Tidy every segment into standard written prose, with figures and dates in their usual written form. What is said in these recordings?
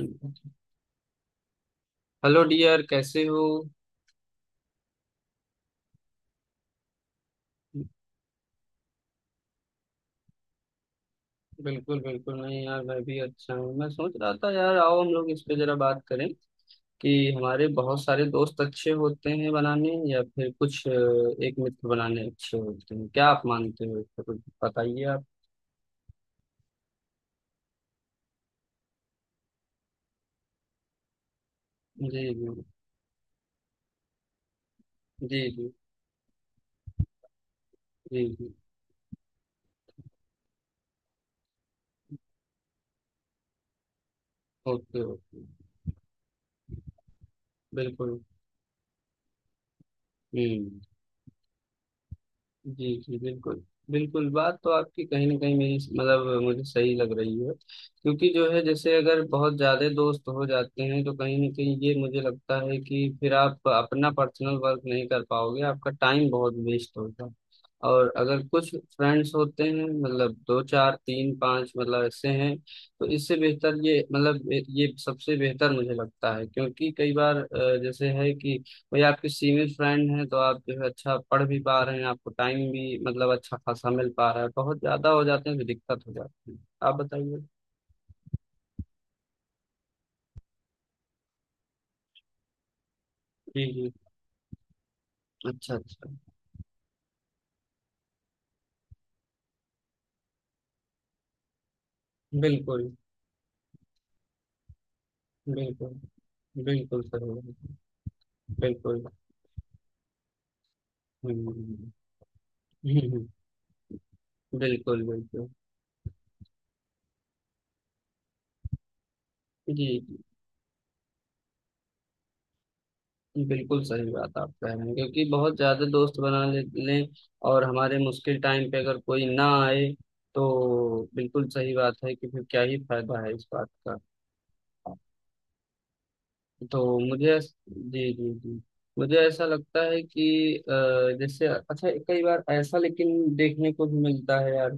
Hello dear, कैसे हो। बिल्कुल बिल्कुल नहीं यार, मैं भी अच्छा हूँ। मैं सोच रहा था यार, आओ हम लोग इस पे जरा बात करें कि हमारे बहुत सारे दोस्त अच्छे होते हैं बनाने, या फिर कुछ एक मित्र बनाने अच्छे होते हैं। क्या आप मानते हो इसको? कुछ बताइए आप। जी जी। जी जी। जी जी। Okay okay. बिल्कुल। हम्म। जी जी, बिल्कुल। बिल्कुल बात तो आपकी कहीं ना कहीं मेरी, मतलब मुझे सही लग रही है। क्योंकि जो है, जैसे अगर बहुत ज्यादा दोस्त हो जाते हैं तो कहीं ना कहीं ये मुझे लगता है कि फिर आप अपना पर्सनल वर्क नहीं कर पाओगे, आपका टाइम बहुत वेस्ट होगा। और अगर कुछ फ्रेंड्स होते हैं, मतलब दो चार तीन पांच, मतलब ऐसे हैं, तो इससे बेहतर ये मतलब, ये सबसे बेहतर मुझे लगता है। क्योंकि कई बार जैसे है कि कोई आपके सिविल फ्रेंड है तो आप जो है अच्छा पढ़ भी पा रहे हैं, आपको टाइम भी मतलब अच्छा खासा मिल पा रहा है। बहुत ज्यादा हो जाते हैं तो दिक्कत हो जाती है। आप बताइए। जी जी। अच्छा अच्छा। बिल्कुल। बिल्कुल। बिल्कुल सर। बिल्कुल। हम्म। हम्म, बिल्कुल बिल्कुल। जी जी, बिल्कुल सही बात आप कह रहे हैं। क्योंकि बहुत ज्यादा दोस्त बना लें और हमारे मुश्किल टाइम पे अगर कोई ना आए तो बिल्कुल सही बात है कि फिर क्या ही फायदा है इस बात का। जी जी जी। मुझे ऐसा लगता है कि जैसे अच्छा, कई बार ऐसा लेकिन देखने को भी मिलता है यार,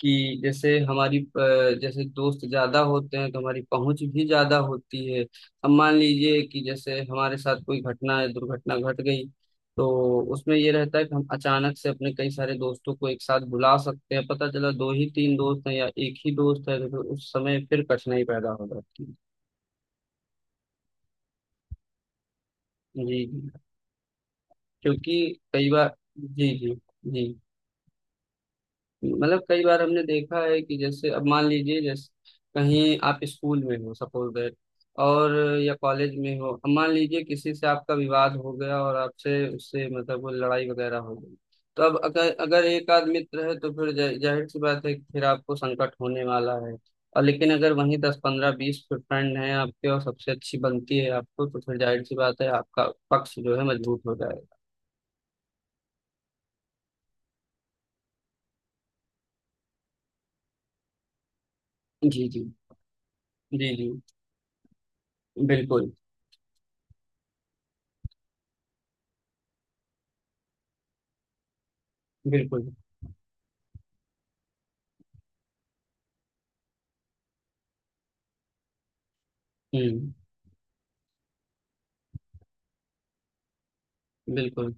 कि जैसे हमारी जैसे दोस्त ज्यादा होते हैं तो हमारी पहुंच भी ज्यादा होती है। अब मान लीजिए कि जैसे हमारे साथ कोई घटना या दुर्घटना घट गई, तो उसमें ये रहता है कि हम अचानक से अपने कई सारे दोस्तों को एक साथ बुला सकते हैं। पता चला दो ही तीन दोस्त हैं या एक ही दोस्त है, तो फिर उस समय फिर कठिनाई पैदा हो जाती है। जी जी। क्योंकि कई बार। जी जी। जी मतलब कई बार हमने देखा है कि जैसे अब मान लीजिए, जैसे कहीं आप स्कूल में हो, सपोज दैट, और या कॉलेज में हो, अब मान लीजिए किसी से आपका विवाद हो गया और आपसे उससे मतलब वो लड़ाई वगैरह हो गई। तो अब अगर अगर एक आध मित्र है तो फिर जाहिर सी बात है कि फिर आपको संकट होने वाला है। और लेकिन अगर वहीं दस पंद्रह बीस फ्रेंड हैं आपके और सबसे अच्छी बनती है आपको तो फिर जाहिर सी बात है आपका पक्ष जो है मजबूत हो जाएगा। जी जी। जी जी। बिल्कुल। बिल्कुल। हम्म। बिल्कुल।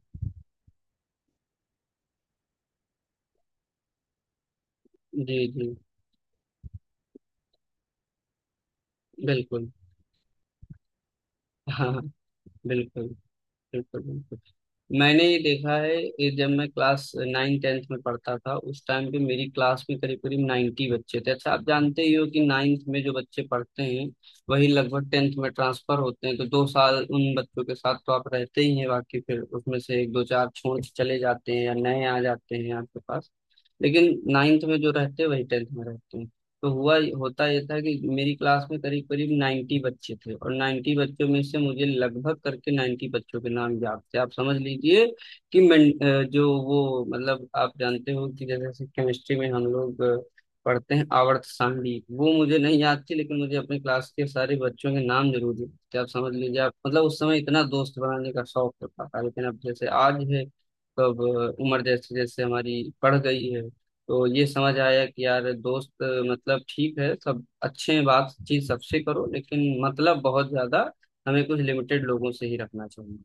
जी जी, बिल्कुल। हाँ हाँ, बिल्कुल। बिल्कुल बिल्कुल। मैंने ये देखा है। ये जब मैं क्लास नाइन टेंथ में पढ़ता था, उस टाइम पे मेरी क्लास में करीब करीब 90 बच्चे थे। अच्छा, आप जानते ही हो कि नाइन्थ में जो बच्चे पढ़ते हैं वही लगभग टेंथ में ट्रांसफर होते हैं। तो दो साल उन बच्चों के साथ तो आप रहते ही हैं, बाकी फिर उसमें से एक दो चार छोड़ के चले जाते हैं या नए आ जाते हैं आपके पास। लेकिन नाइन्थ में जो रहते हैं वही टेंथ में रहते हैं। तो हुआ होता यह था कि मेरी क्लास में करीब करीब 90 बच्चे थे, और 90 बच्चों में से मुझे लगभग करके 90 बच्चों के नाम याद थे। आप समझ लीजिए कि मैं जो वो मतलब, आप जानते हो कि जैसे केमिस्ट्री में हम लोग पढ़ते हैं आवर्त सारणी, वो मुझे नहीं याद थी, लेकिन मुझे अपने क्लास के सारे बच्चों के नाम जरूर याद थे। आप समझ लीजिए, आप मतलब उस समय इतना दोस्त बनाने का शौक होता था, लेकिन अब जैसे आज है, तो अब उम्र जैसे जैसे हमारी बढ़ गई है तो ये समझ आया कि यार दोस्त मतलब ठीक है सब अच्छे हैं, बातचीत सबसे करो, लेकिन मतलब बहुत ज्यादा, हमें कुछ लिमिटेड लोगों से ही रखना चाहिए।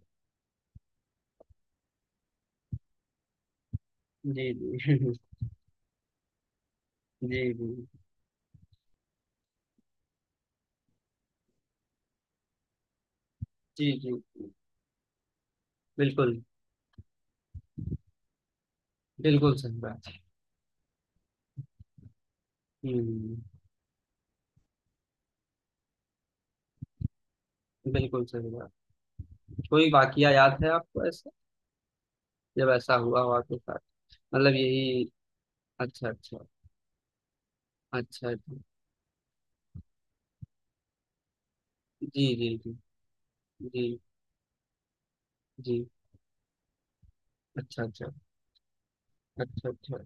जी जी जी जी। जी जी। जी। बिल्कुल। बिल्कुल सही बात है। हम्म। बिल्कुल सही बात। कोई वाकया याद है आपको ऐसा, जब ऐसा हुआ हो आपके साथ? मतलब यही। अच्छा अच्छा। अच्छा। जी जी। जी जी। जी जी। अच्छा अच्छा। अच्छा अच्छा।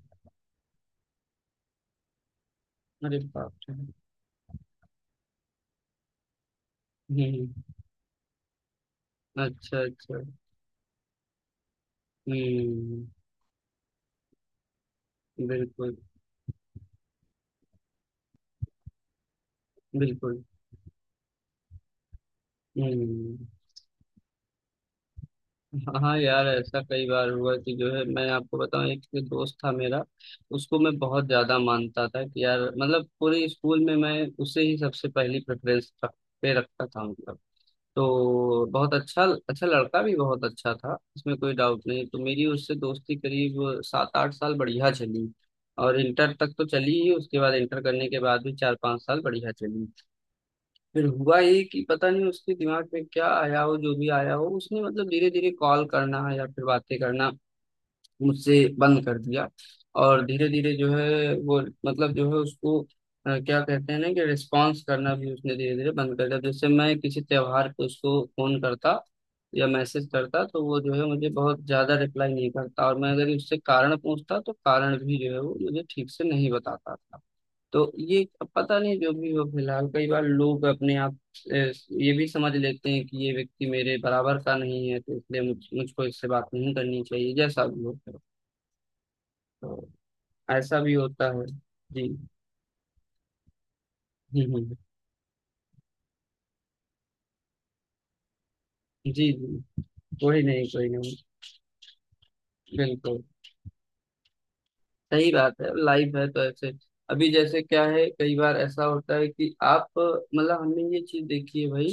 अरे बाप रे। हम्म। अच्छा अच्छा। हम्म। बिल्कुल। बिल्कुल। हम्म। हाँ यार, ऐसा कई बार हुआ कि जो है, मैं आपको बताऊं, एक दोस्त था मेरा, उसको मैं बहुत ज्यादा मानता था कि यार मतलब पूरे स्कूल में मैं उसे ही सबसे पहली प्रेफरेंस पे रखता था मतलब। तो बहुत अच्छा, अच्छा लड़का भी बहुत अच्छा था, इसमें कोई डाउट नहीं। तो मेरी उससे दोस्ती करीब सात आठ साल बढ़िया चली, और इंटर तक तो चली ही, उसके बाद इंटर करने के बाद भी चार पांच साल बढ़िया चली। फिर हुआ ये कि पता नहीं उसके दिमाग में क्या आया हो, जो भी आया हो, उसने मतलब धीरे धीरे कॉल करना या फिर बातें करना मुझसे बंद कर दिया। और धीरे धीरे जो है वो मतलब जो है उसको क्या कहते हैं ना कि रिस्पॉन्स करना भी उसने धीरे धीरे बंद कर दिया। जैसे मैं किसी त्योहार पे उसको फोन करता या मैसेज करता तो वो जो है मुझे बहुत ज्यादा रिप्लाई नहीं करता, और मैं अगर उससे कारण पूछता तो कारण भी जो है वो मुझे ठीक से नहीं बताता था। तो ये पता नहीं जो भी हो, फिलहाल कई बार लोग अपने आप ये भी समझ लेते हैं कि ये व्यक्ति मेरे बराबर का नहीं है तो इसलिए मुझको इससे बात नहीं करनी चाहिए, जैसा भी हो। तो ऐसा भी होता है। जी हम्म, हम्म, जी जी। कोई नहीं कोई नहीं। बिल्कुल सही बात है, लाइव है तो ऐसे। अभी जैसे क्या है, कई बार ऐसा होता है कि आप मतलब, हमने ये चीज देखी है भाई,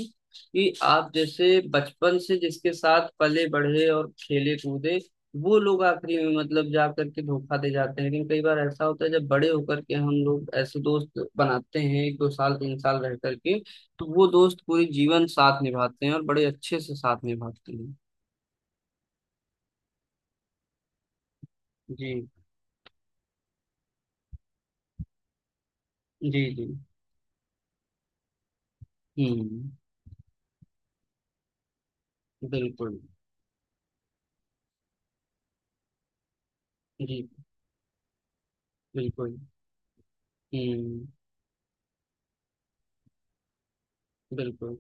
कि आप जैसे बचपन से जिसके साथ पले बढ़े और खेले कूदे, वो लोग आखिरी में मतलब जा करके धोखा दे जाते हैं, लेकिन कई बार ऐसा होता है जब बड़े होकर के हम लोग ऐसे दोस्त बनाते हैं एक दो साल तीन साल रह करके, तो वो दोस्त पूरे जीवन साथ निभाते हैं और बड़े अच्छे से साथ निभाते हैं। जी जी। जी। हम्म। बिल्कुल। जी। बिल्कुल। हम्म। बिल्कुल।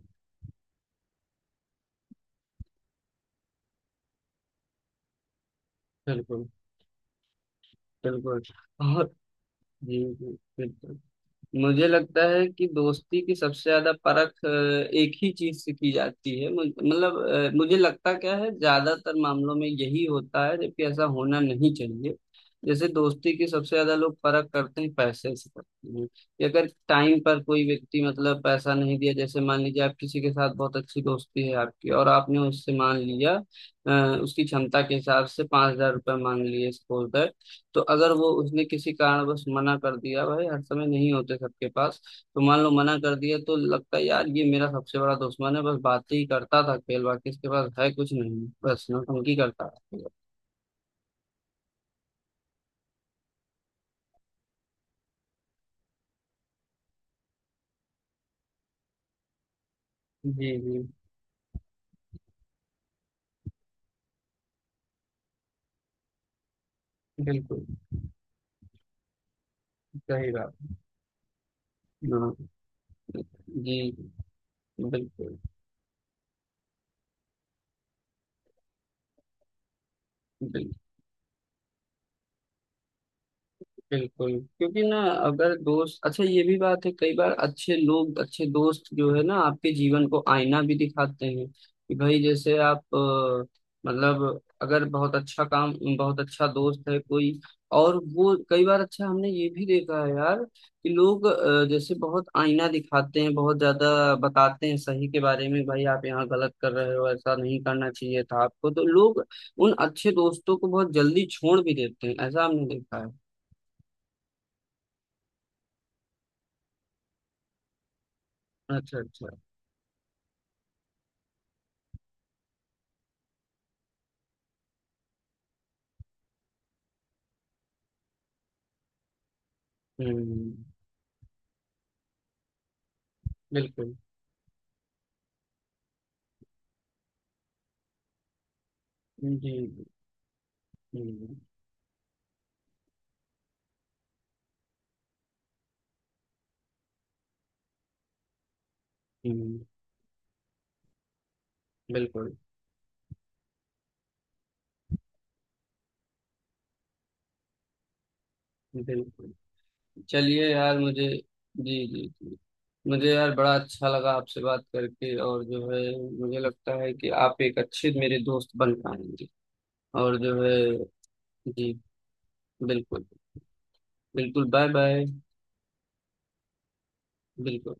बिल्कुल। बिल्कुल बहुत। जी जी, बिल्कुल। मुझे लगता है कि दोस्ती की सबसे ज्यादा परख एक ही चीज से की जाती है। मतलब मुझे लगता क्या है, ज्यादातर मामलों में यही होता है जबकि ऐसा होना नहीं चाहिए। जैसे दोस्ती की सबसे ज्यादा लोग परख करते हैं पैसे से करते हैं। कि अगर टाइम पर कोई व्यक्ति मतलब पैसा नहीं दिया, जैसे मान लीजिए आप किसी के साथ बहुत अच्छी दोस्ती है आपकी और आपने उससे मान लिया अ, उसकी क्षमता के हिसाब से पांच हजार रुपये मांग लिए सपोज। तो अगर वो उसने किसी कारणवश मना कर दिया, भाई हर समय नहीं होते सबके पास, तो मान लो मना कर दिया तो लगता है यार ये मेरा सबसे बड़ा दुश्मन है, बस बातें ही करता था, खेल बाकी इसके पास है कुछ नहीं, बस नौटंकी करता था। जी जी। बिल्कुल सही बात। हाँ, जी। बिल्कुल। बिल्कुल। बिल्कुल। क्योंकि ना, अगर दोस्त अच्छा, ये भी बात है, कई बार अच्छे लोग अच्छे दोस्त जो है ना आपके जीवन को आईना भी दिखाते हैं कि भाई, जैसे आप मतलब अगर बहुत अच्छा काम, बहुत अच्छा दोस्त है कोई, और वो कई बार अच्छा, हमने ये भी देखा है यार, कि लोग जैसे बहुत आईना दिखाते हैं, बहुत ज्यादा बताते हैं सही के बारे में, भाई आप यहाँ गलत कर रहे हो, ऐसा नहीं करना चाहिए था आपको, तो लोग उन अच्छे दोस्तों को बहुत जल्दी छोड़ भी देते हैं, ऐसा हमने देखा है। अच्छा अच्छा। हम्म। बिल्कुल। जी। हम्म। हम्म, बिल्कुल। बिल्कुल। चलिए यार, मुझे। जी जी जी। मुझे यार बड़ा अच्छा लगा आपसे बात करके, और जो है मुझे लगता है कि आप एक अच्छे मेरे दोस्त बन पाएंगे, और जो है। जी। बिल्कुल। बिल्कुल बाय बाय। बिल्कुल।